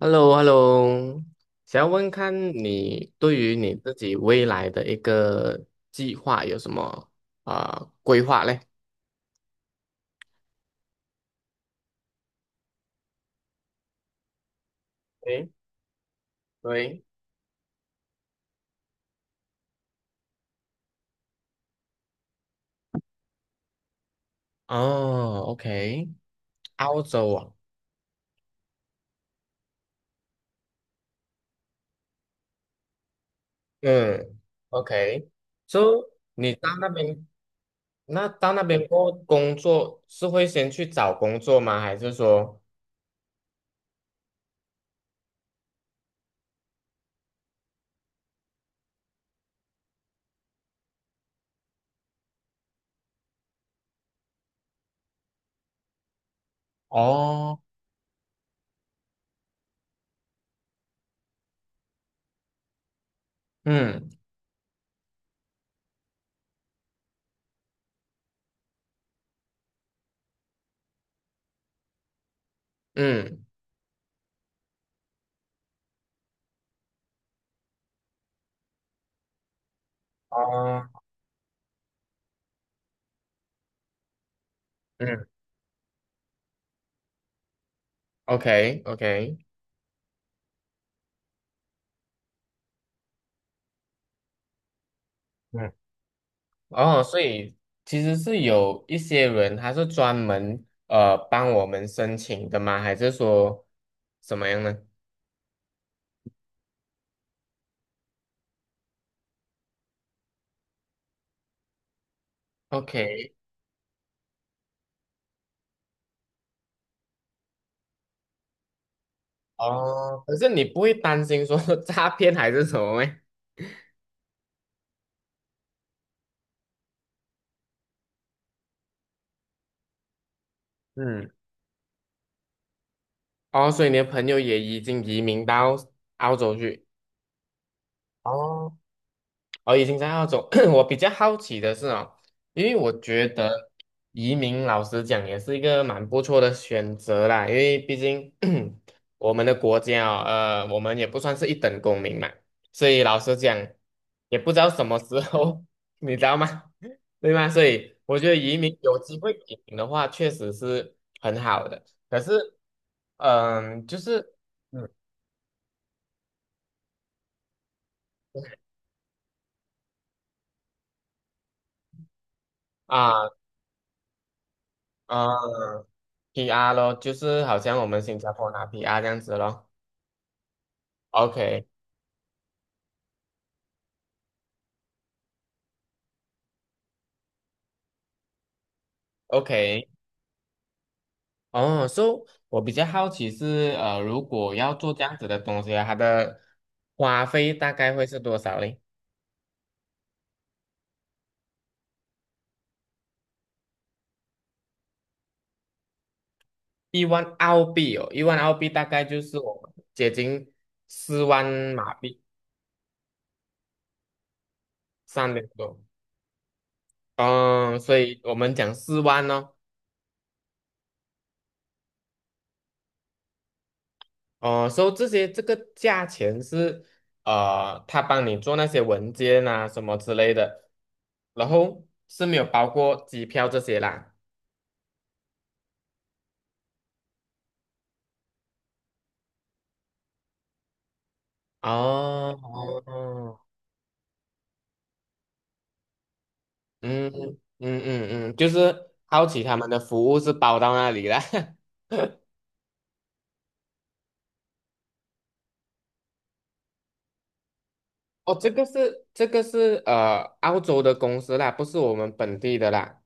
h e l l o h e l l o 想要问看你对于你自己未来的一个计划有什么规划嘞？诶，对。哦，OK。澳洲啊。嗯，OK，so， 你到那边，那到那边过后工作是会先去找工作吗？还是说。哦，嗯嗯。哦，嗯，OK OK。嗯。哦，所以其实是有一些人他是专门帮我们申请的吗？还是说怎么样呢？OK。哦，可是你不会担心说 诈骗还是什么吗？嗯。哦，所以你的朋友也已经移民到澳洲去。哦哦，已经在澳洲。我比较好奇的是哦，因为我觉得移民老实讲也是一个蛮不错的选择啦，因为毕竟 我们的国家哦，我们也不算是一等公民嘛，所以老实讲也不知道什么时候，你知道吗？对吗？所以我觉得移民有机会移民的话，确实是很好的。可是，就是嗯，啊啊，呃 PR 咯，就是好像我们新加坡拿 PR 这样子咯。OK OK。哦，so 我比较好奇是，如果要做这样子的东西啊，它的花费大概会是多少嘞？一万澳币哦，一万澳币大概就是我们接近40,000马币，三点多。嗯，所以我们讲四万哦。哦，所以这些这个价钱是他帮你做那些文件啊什么之类的，然后是没有包括机票这些啦。哦。哦，嗯就是好奇他们的服务是包到那里啦。哦，这个是澳洲的公司啦，不是我们本地的啦。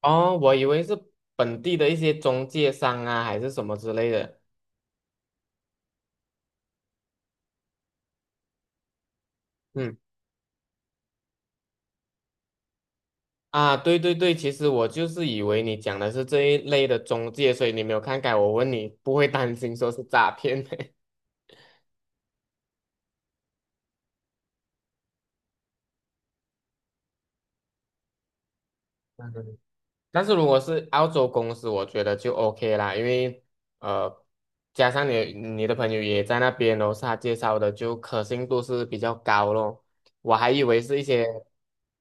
哦，我以为是本地的一些中介商啊，还是什么之类的。嗯。啊，对对对，其实我就是以为你讲的是这一类的中介，所以你没有看改，我问你不会担心说是诈骗。嗯但是如果是澳洲公司，我觉得就 OK 啦，因为呃，加上你的朋友也在那边，然后是他介绍的，就可信度是比较高咯。我还以为是一些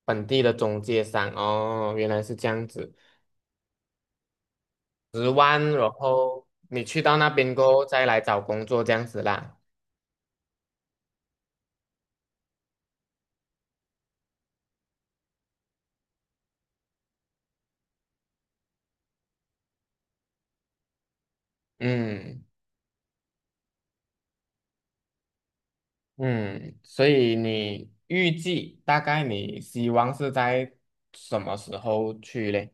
本地的中介商哦，原来是这样子，100,000，然后你去到那边过后再来找工作这样子啦。嗯。嗯，所以你预计大概你希望是在什么时候去嘞？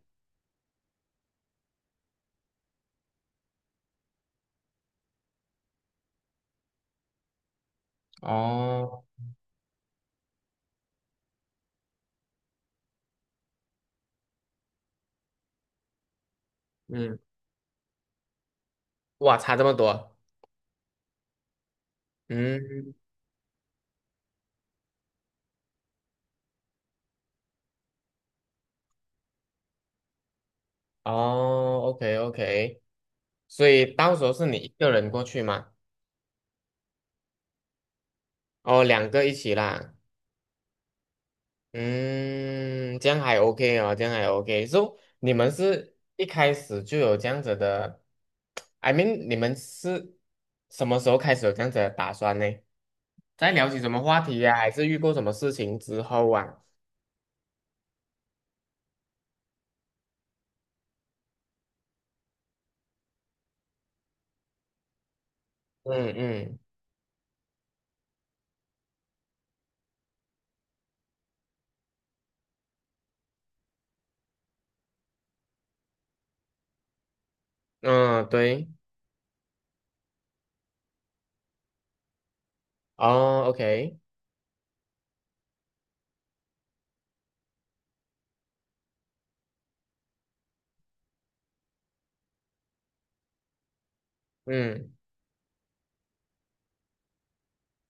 哦，嗯，哇，差这么多。嗯。哦，OK OK。所以到时候是你一个人过去吗？哦，两个一起啦。嗯，这样还 OK 哦，这样还 OK。So 你们是一开始就有这样子的 ，I mean，你们是什么时候开始有这样子的打算呢？在聊起什么话题呀、还是遇过什么事情之后啊？嗯嗯嗯，对。哦，OK。嗯，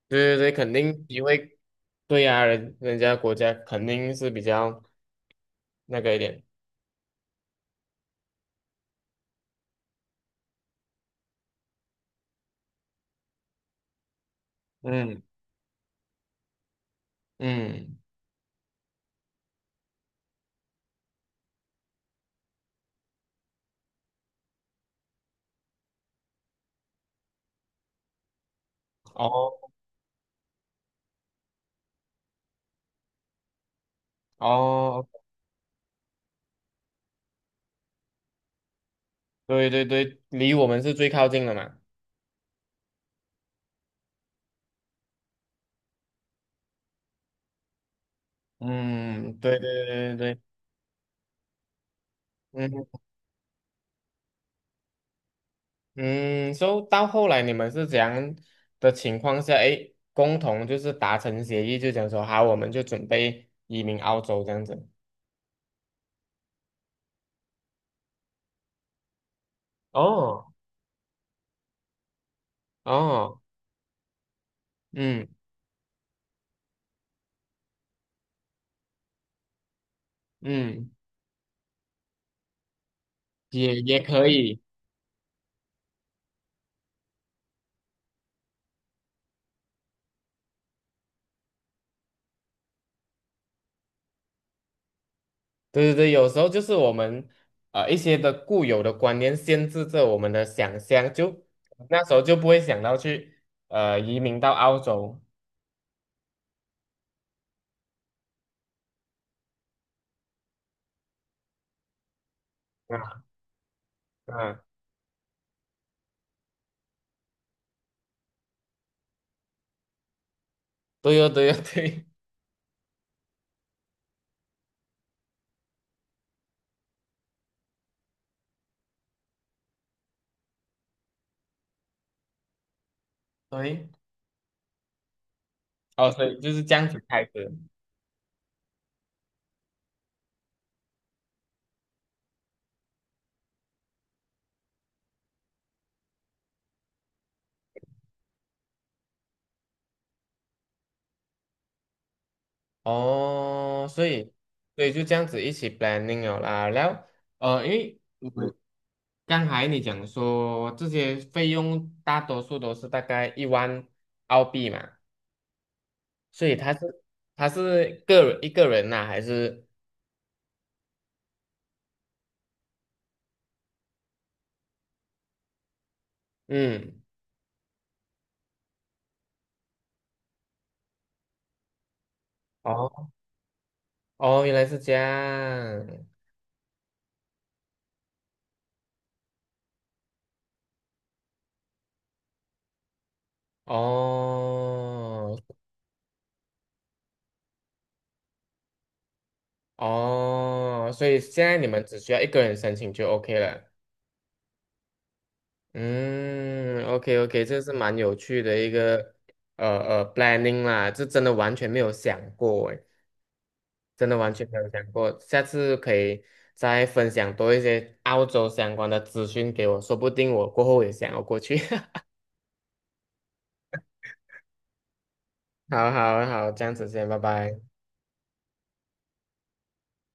对对对，肯定机会。对呀、人家国家肯定是比较那个一点。嗯嗯。哦哦，对对对，离我们是最靠近的嘛。嗯，对对对对对。嗯。嗯，所以到后来你们是怎样的情况下，诶，共同就是达成协议，就讲说好，我们就准备移民澳洲这样子。哦。哦，嗯嗯，也可以。对对对，有时候就是我们一些的固有的观念限制着我们的想象，就那时候就不会想到去移民到澳洲。嗯嗯，对哦对哦对 对。哦，所以就是这样子开始。哦，所以就这样子一起 planning 了啦。然后，因为我刚才你讲说这些费用大多数都是大概一万澳币嘛，所以他是一个人呐、还是？嗯。哦哦，原来是这样。哦哦，所以现在你们只需要一个人申请就 OK 了。嗯，OK OK。这是蛮有趣的一个呃planning 啦，这真的完全没有想过诶，真的完全没有想过，下次可以再分享多一些澳洲相关的资讯给我，说不定我过后也想要过去。好好好，这样子先，拜拜。